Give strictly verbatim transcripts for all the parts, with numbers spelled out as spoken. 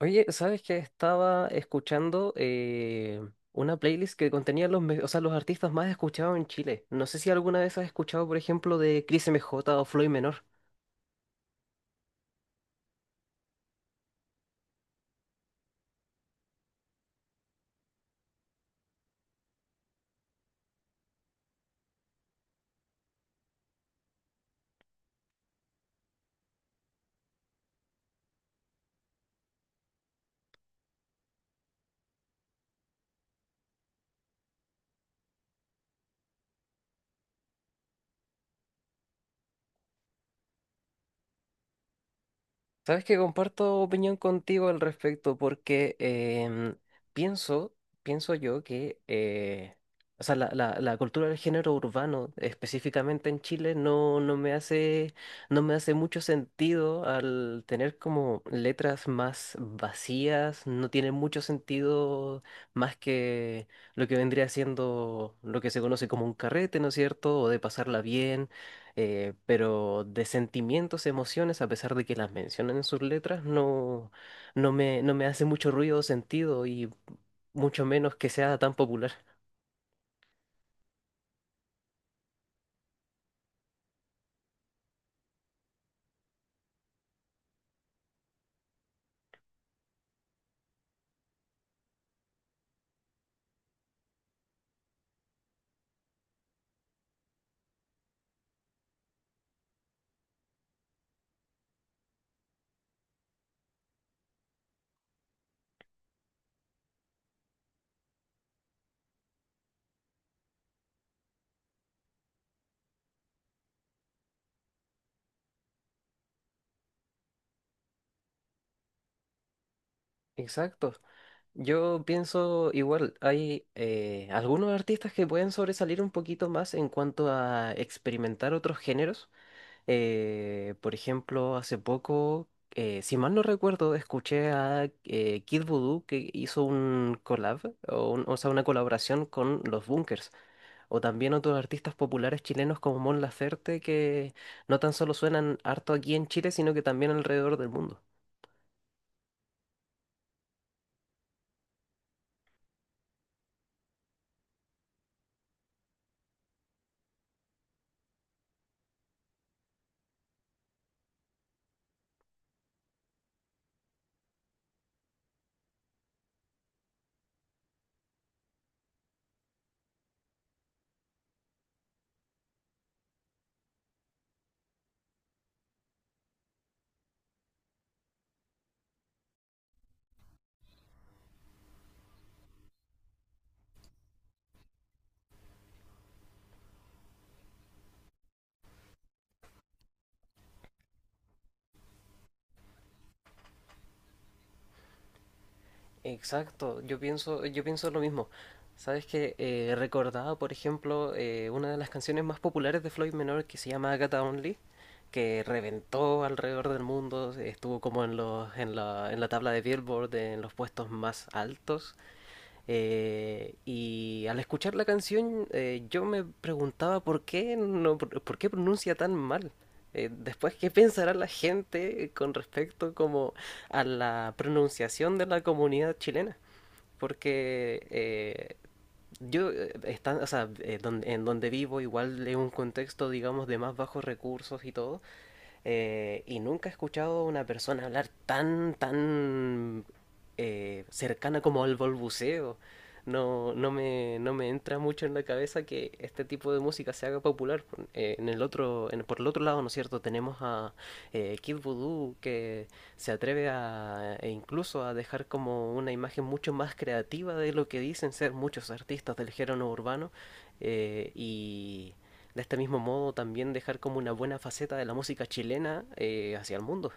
Oye, ¿sabes que estaba escuchando eh, una playlist que contenía los, me- o sea, los artistas más escuchados en Chile? No sé si alguna vez has escuchado, por ejemplo, de Cris M J o Floyd Menor. Sabes que comparto opinión contigo al respecto porque em, pienso, pienso yo que eh, o sea, la, la- la cultura del género urbano, específicamente en Chile, no, no me hace, no me hace mucho sentido al tener como letras más vacías. No tiene mucho sentido más que lo que vendría siendo lo que se conoce como un carrete, ¿no es cierto? O de pasarla bien, eh, pero de sentimientos, emociones, a pesar de que las mencionan en sus letras, no, no me, no me hace mucho ruido o sentido, y mucho menos que sea tan popular. Exacto. Yo pienso igual, hay eh, algunos artistas que pueden sobresalir un poquito más en cuanto a experimentar otros géneros. Eh, por ejemplo, hace poco, eh, si mal no recuerdo, escuché a eh, Kid Voodoo, que hizo un collab, o, un- o sea, una colaboración con Los Bunkers, o también otros artistas populares chilenos como Mon Laferte, que no tan solo suenan harto aquí en Chile, sino que también alrededor del mundo. Exacto, yo pienso, yo pienso lo mismo. Sabes que eh, recordaba, por ejemplo, eh, una de las canciones más populares de Floyd Menor que se llama Agatha Only, que reventó alrededor del mundo, estuvo como en los, en la, en la tabla de Billboard, en los puestos más altos. Eh, y al escuchar la canción, eh, yo me preguntaba por qué, no, por qué pronuncia tan mal. Eh, después, ¿qué pensará la gente con respecto como a la pronunciación de la comunidad chilena? Porque eh, yo, eh, está, o sea, eh, don- en donde vivo igual es un contexto, digamos, de más bajos recursos y todo, eh, y nunca he escuchado a una persona hablar tan, tan eh, cercana como al balbuceo. No, no, me, no me entra mucho en la cabeza que este tipo de música se haga popular. Eh, en el otro, en, Por el otro lado, ¿no es cierto? Tenemos a eh, Kid Voodoo, que se atreve a, e incluso a dejar como una imagen mucho más creativa de lo que dicen ser muchos artistas del género urbano, eh, y de este mismo modo también dejar como una buena faceta de la música chilena eh, hacia el mundo.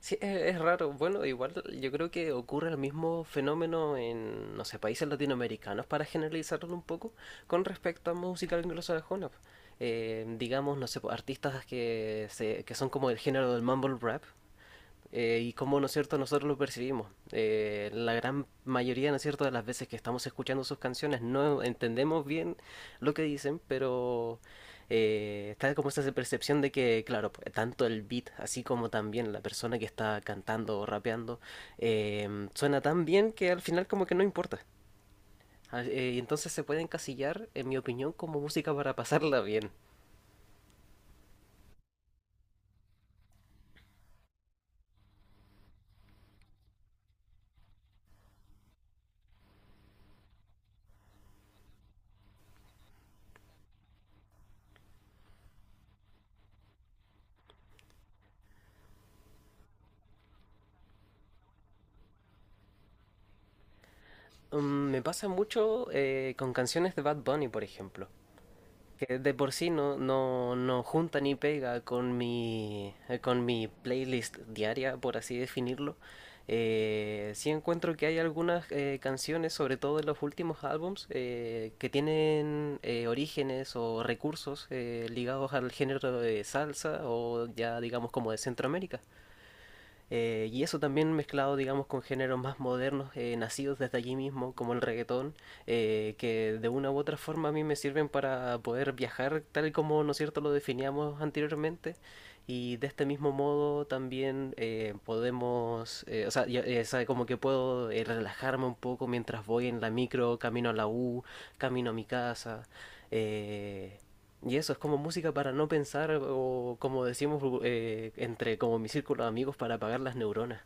Sí, es, es raro. Bueno, igual yo creo que ocurre el mismo fenómeno en, no sé, países latinoamericanos, para generalizarlo un poco, con respecto a música anglosajona. Eh, digamos, no sé, po, artistas que, se, que son como el género del mumble rap, eh, y cómo, ¿no es cierto?, nosotros lo percibimos. Eh, la gran mayoría, ¿no es cierto?, de las veces que estamos escuchando sus canciones no entendemos bien lo que dicen, pero eh, está como esa percepción de que, claro, pues, tanto el beat, así como también la persona que está cantando o rapeando, eh, suena tan bien que al final como que no importa. Al- eh, Y entonces se puede encasillar, en mi opinión, como música para pasarla bien. Mm, me pasa mucho eh, con canciones de Bad Bunny, por ejemplo, que de por sí no, no, no junta ni pega con mi, eh, con mi playlist diaria, por así definirlo. Eh, sí encuentro que hay algunas eh, canciones, sobre todo en los últimos álbums, eh, que tienen eh, orígenes o recursos eh, ligados al género de salsa o, ya digamos, como de Centroamérica. Eh, y eso también mezclado, digamos, con géneros más modernos, eh, nacidos desde allí mismo, como el reggaetón, eh, que de una u otra forma a mí me sirven para poder viajar tal como, ¿no es cierto?, lo definíamos anteriormente. Y de este mismo modo también eh, podemos, eh, o sea, ya- eh, sabe, como que puedo eh, relajarme un poco mientras voy en la micro, camino a la U, camino a mi casa. eh, y eso es como música para no pensar o, como decimos eh, entre como mi círculo de amigos, para apagar las neuronas.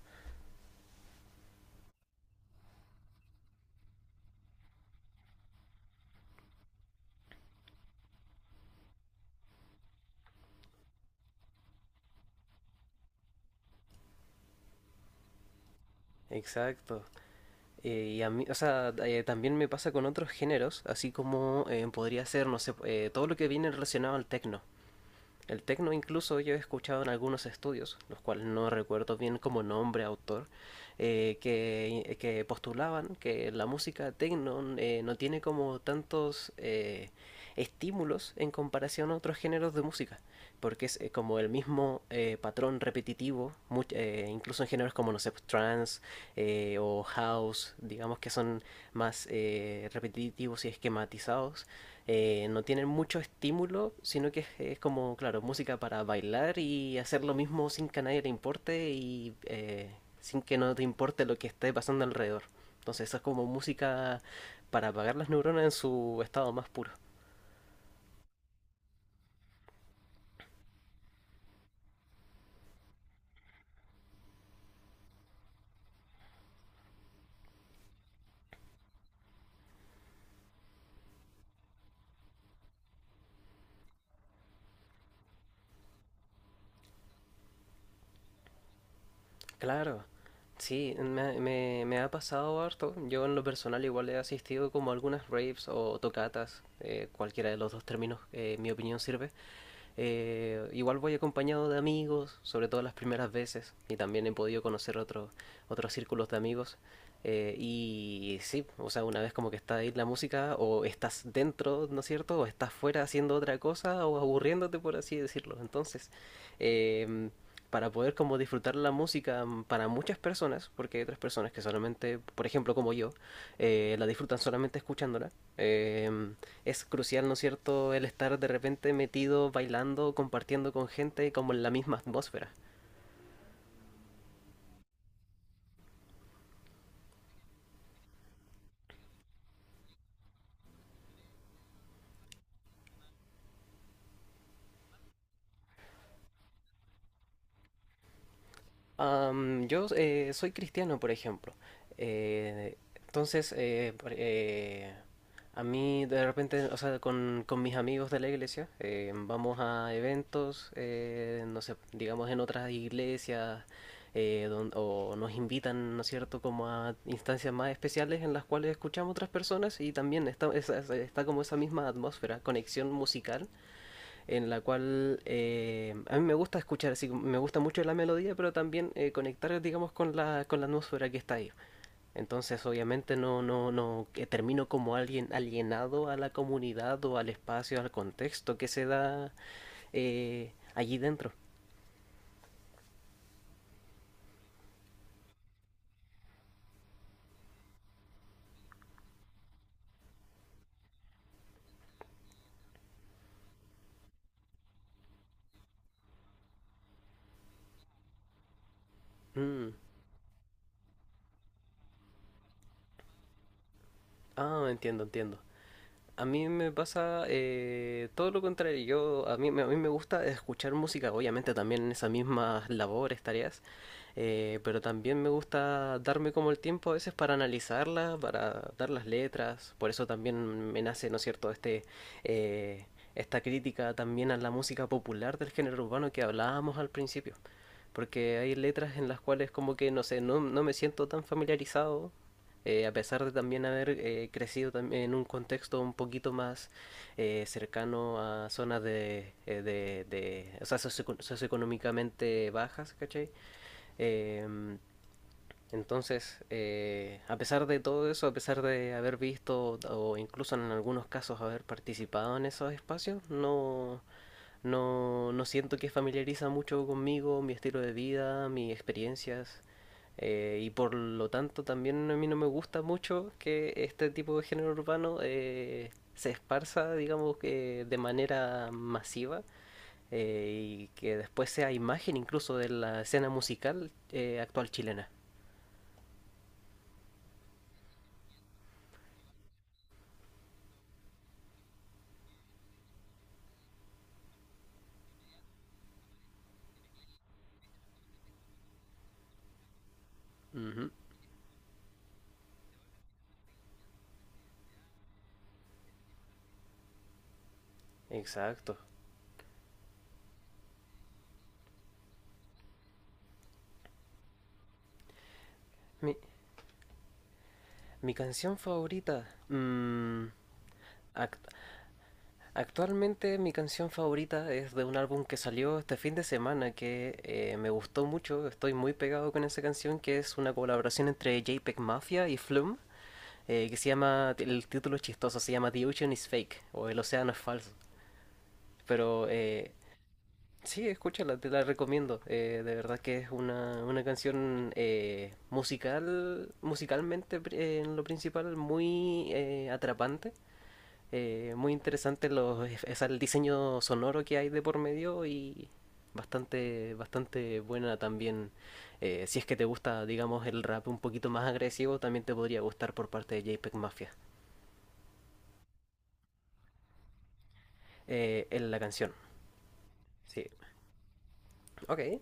Exacto. Eh, y a mí, o sea, eh, también me pasa con otros géneros, así como eh, podría ser, no sé, eh, todo lo que viene relacionado al techno. El techno, incluso yo he escuchado en algunos estudios, los cuales no recuerdo bien como nombre, autor, eh, que, que, postulaban que la música techno eh, no tiene como tantos eh, estímulos en comparación a otros géneros de música, porque es eh, como el mismo eh, patrón repetitivo. Much, eh, incluso en géneros como, no sé, pues, trance eh, o house, digamos, que son más eh, repetitivos y esquematizados, eh, no tienen mucho estímulo, sino que es, es como, claro, música para bailar y hacer lo mismo sin que a nadie le importe, y eh, sin que no te importe lo que esté pasando alrededor. Entonces, eso es como música para apagar las neuronas en su estado más puro. Claro, sí, me, me, me ha pasado harto. Yo en lo personal igual he asistido como a algunas raves o tocatas, eh, cualquiera de los dos términos, eh, en mi opinión, sirve. Eh, igual voy acompañado de amigos, sobre todo las primeras veces, y también he podido conocer otros otros círculos de amigos. Eh, y sí, o sea, una vez como que está ahí la música, o estás dentro, ¿no es cierto? O estás fuera haciendo otra cosa, o aburriéndote, por así decirlo. Entonces, eh, para poder como disfrutar la música, mm, para muchas personas, porque hay otras personas que solamente, por ejemplo, como yo, eh, la disfrutan solamente escuchándola, eh, es crucial, ¿no es cierto?, el estar de repente metido, bailando, compartiendo con gente como en la misma atmósfera. Am, yo eh, soy cristiano, por ejemplo. Eh, entonces, eh, por- eh, a mí de repente, o sea, con, con mis amigos de la iglesia, eh, vamos a eventos, eh, no sé, digamos, en otras iglesias, eh, don- o nos invitan, ¿no es cierto?, como a instancias más especiales en las cuales escuchamos otras personas, y también está, esa- esa- está como esa misma atmósfera, conexión musical, en la cual eh, a mí me gusta escuchar, así, me gusta mucho la melodía, pero también eh, conectar, digamos, con la, con la atmósfera que está ahí. Entonces, obviamente, no, no, no que termino como alguien alienado a la comunidad o al espacio, al contexto que se da eh, allí dentro. Mm. Ah, entiendo, entiendo. A mí me pasa eh, todo lo contrario. Yo, a mí, me- A mí me gusta escuchar música, obviamente también en esas mismas labores, tareas, eh, pero también me gusta darme como el tiempo a veces para analizarla, para dar las letras. Por eso también me nace, ¿no es cierto?, este, eh, esta crítica también a la música popular del género urbano que hablábamos al principio. Porque hay letras en las cuales como que, no sé, no, no me siento tan familiarizado, eh, a pesar de también haber eh, crecido también en un contexto un poquito más eh, cercano a zonas de, eh, de, de- o sea, socioeco- socioeconómicamente bajas, ¿cachai? Em, entonces, eh, a pesar de todo eso, a pesar de haber visto o incluso en algunos casos haber participado en esos espacios, no, no, no siento que familiariza mucho conmigo, mi estilo de vida, mis experiencias. Eh, y por lo tanto, también a mí no me gusta mucho que este tipo de género urbano eh, se esparza, digamos, que de manera masiva, eh, y que después sea imagen incluso de la escena musical eh, actual chilena. Ujú, exacto. Mi, Mi canción favorita. Mm, act- actualmente mi canción favorita es de un álbum que salió este fin de semana que eh, me gustó mucho. Estoy muy pegado con esa canción, que es una colaboración entre JPEG Mafia y Flume, eh, que se llama, el título es chistoso, se llama The Ocean is Fake, o El Océano es Falso. Pero eh, sí, escúchala, te la recomiendo. Eh, de verdad que es una, una canción eh, musical, musicalmente eh, en lo principal muy eh, atrapante, eh, muy interesante los, es el diseño sonoro que hay de por medio, y bastante, bastante buena también. Eh, si es que te gusta, digamos, el rap un poquito más agresivo, también te podría gustar por parte de JPEG Mafia, eh, en la canción. Sí, ok.